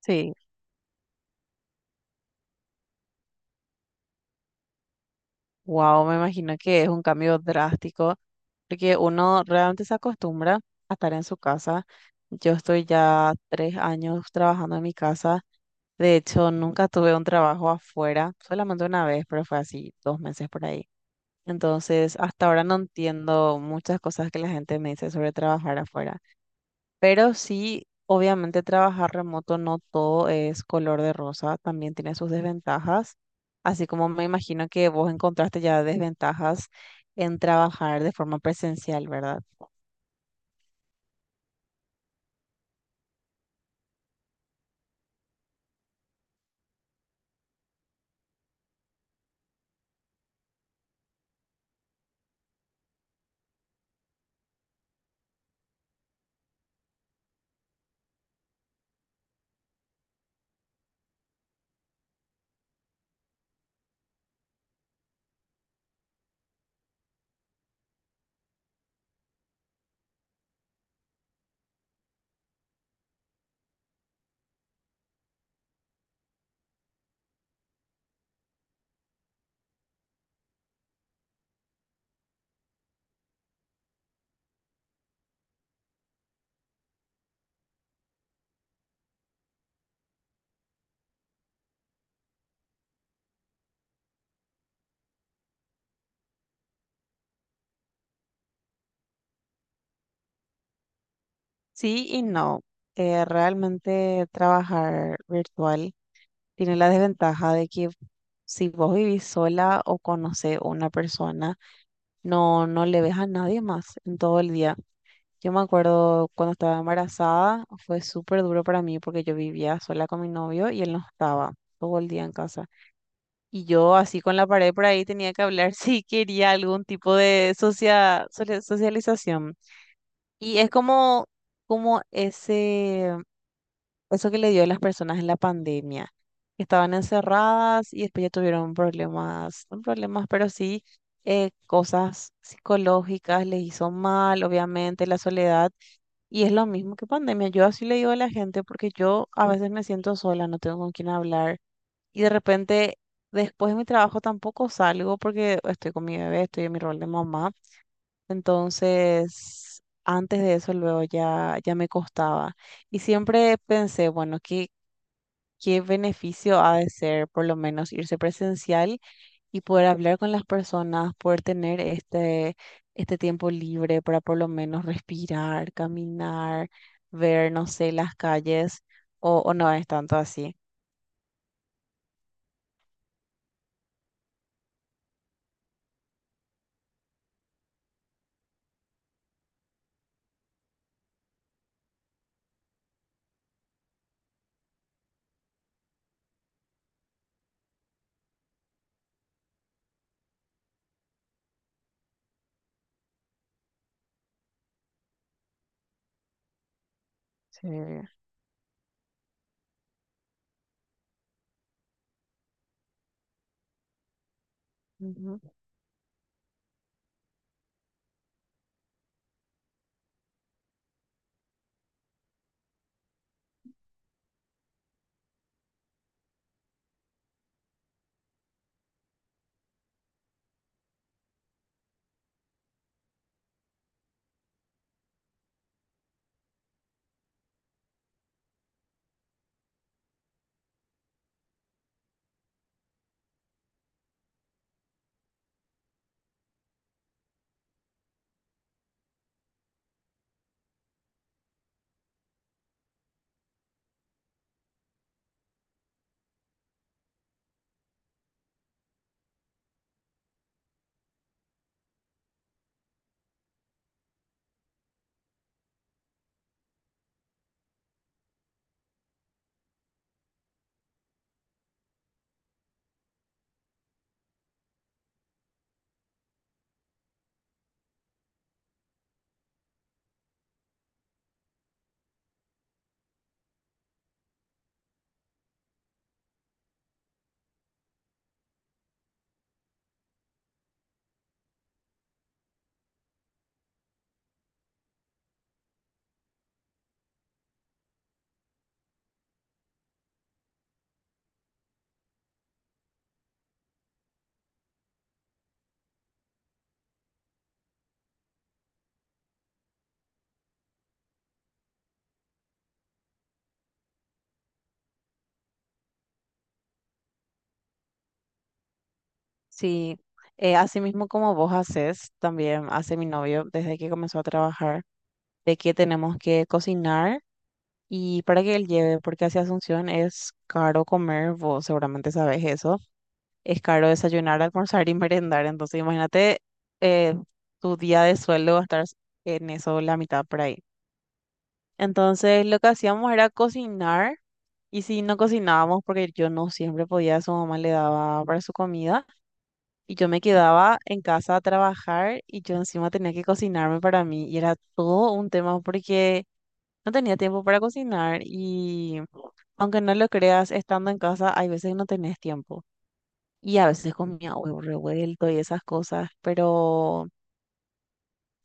Sí, wow, me imagino que es un cambio drástico, porque uno realmente se acostumbra a estar en su casa. Yo estoy ya 3 años trabajando en mi casa. De hecho, nunca tuve un trabajo afuera, solamente una vez, pero fue así, 2 meses por ahí. Entonces, hasta ahora no entiendo muchas cosas que la gente me dice sobre trabajar afuera. Pero sí, obviamente trabajar remoto no todo es color de rosa, también tiene sus desventajas, así como me imagino que vos encontraste ya desventajas en trabajar de forma presencial, ¿verdad? Sí y no. Realmente trabajar virtual tiene la desventaja de que si vos vivís sola o conocés a una persona, no, no le ves a nadie más en todo el día. Yo me acuerdo cuando estaba embarazada, fue súper duro para mí porque yo vivía sola con mi novio y él no estaba todo el día en casa. Y yo así con la pared por ahí tenía que hablar si quería algún tipo de socialización. Y es como eso que le dio a las personas en la pandemia, que estaban encerradas y después ya tuvieron problemas, no problemas, pero sí cosas psicológicas, les hizo mal, obviamente, la soledad y es lo mismo que pandemia. Yo así le digo a la gente porque yo a veces me siento sola, no tengo con quién hablar. Y de repente, después de mi trabajo tampoco salgo porque estoy con mi bebé, estoy en mi rol de mamá. Entonces, antes de eso, luego ya, ya me costaba. Y siempre pensé, bueno, ¿qué beneficio ha de ser por lo menos irse presencial? Y poder hablar con las personas, poder tener este tiempo libre para por lo menos respirar, caminar, ver, no sé, las calles, o no es tanto así. Sí, ujú. Sí, así mismo como vos haces, también hace mi novio desde que comenzó a trabajar, de que tenemos que cocinar. Y para que él lleve, porque hacia Asunción es caro comer, vos seguramente sabes eso. Es caro desayunar, almorzar y merendar. Entonces, imagínate, eh, tu día de sueldo va a estar en eso, la mitad por ahí. Entonces, lo que hacíamos era cocinar. Y si no cocinábamos, porque yo no siempre podía, su mamá le daba para su comida. Y yo me quedaba en casa a trabajar y yo encima tenía que cocinarme para mí. Y era todo un tema porque no tenía tiempo para cocinar. Y aunque no lo creas, estando en casa, hay veces que no tenés tiempo. Y a veces comía huevo revuelto y esas cosas, pero,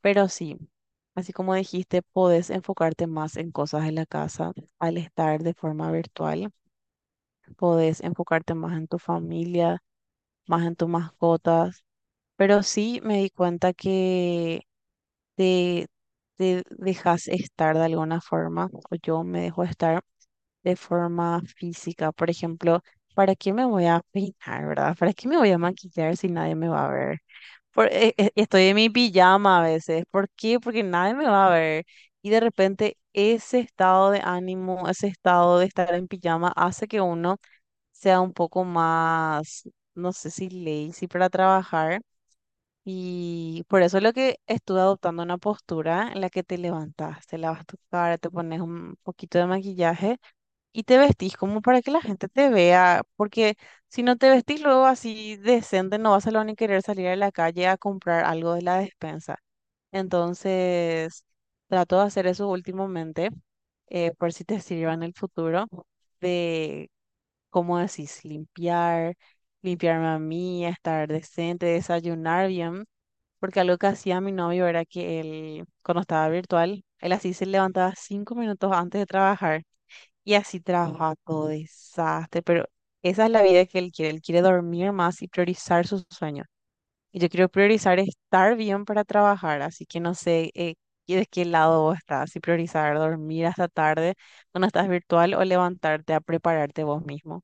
pero sí, así como dijiste, podés enfocarte más en cosas de la casa al estar de forma virtual, podés enfocarte más en tu familia, más en tus mascotas, pero sí me di cuenta que te, te dejas estar de alguna forma, o yo me dejo estar de forma física. Por ejemplo, ¿para qué me voy a peinar, verdad? ¿Para qué me voy a maquillar si nadie me va a ver? Estoy en mi pijama a veces. ¿Por qué? Porque nadie me va a ver. Y de repente ese estado de ánimo, ese estado de estar en pijama hace que uno sea un poco más, no sé si lazy para trabajar. Y por eso es lo que estuve adoptando una postura en la que te levantas, te lavas tu cara, te pones un poquito de maquillaje y te vestís como para que la gente te vea, porque si no te vestís luego así decente, no vas a lo ni querer salir a la calle a comprar algo de la despensa. Entonces, trato de hacer eso últimamente, por si te sirva en el futuro, de, ¿cómo decís? Limpiarme a mí, estar decente, desayunar bien. Porque algo que hacía mi novio era que él, cuando estaba virtual, él así se levantaba 5 minutos antes de trabajar y así trabaja todo desastre, pero esa es la vida que él quiere. Él quiere dormir más y priorizar sus sueños. Y yo quiero priorizar estar bien para trabajar, así que no sé de qué lado vos estás, si priorizar dormir hasta tarde cuando estás virtual o levantarte a prepararte vos mismo.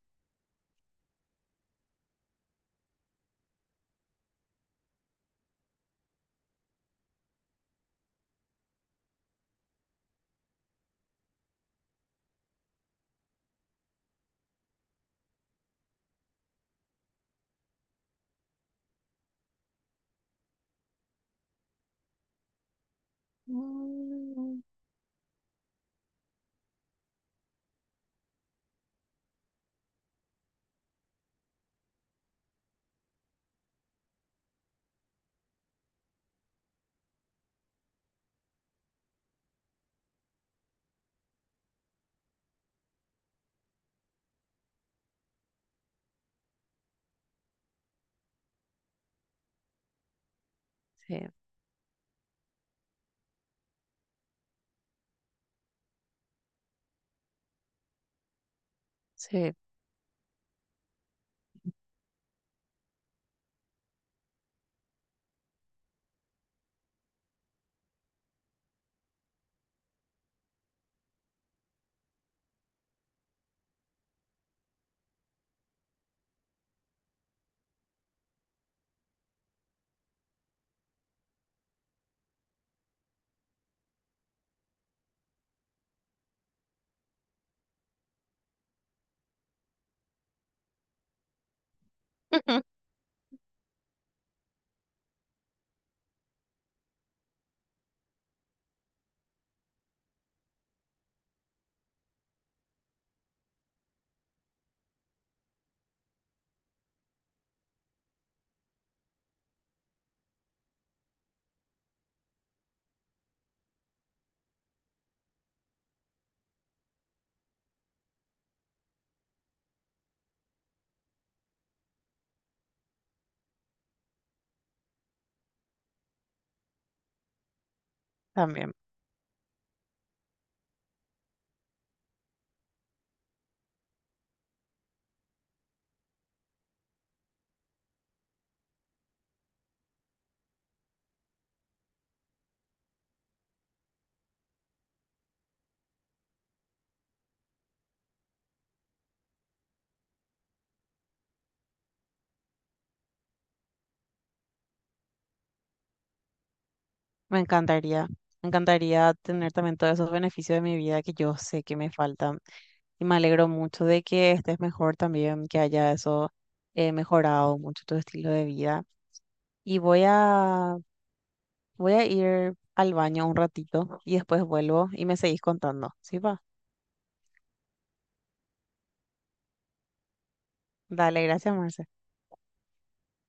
Mm, sí, sí, también. Me encantaría, me encantaría tener también todos esos beneficios de mi vida que yo sé que me faltan. Y me alegro mucho de que estés mejor también, que haya eso mejorado mucho tu estilo de vida. Y voy a ir al baño un ratito y después vuelvo y me seguís contando. ¿Sí va? Dale, gracias, Marce.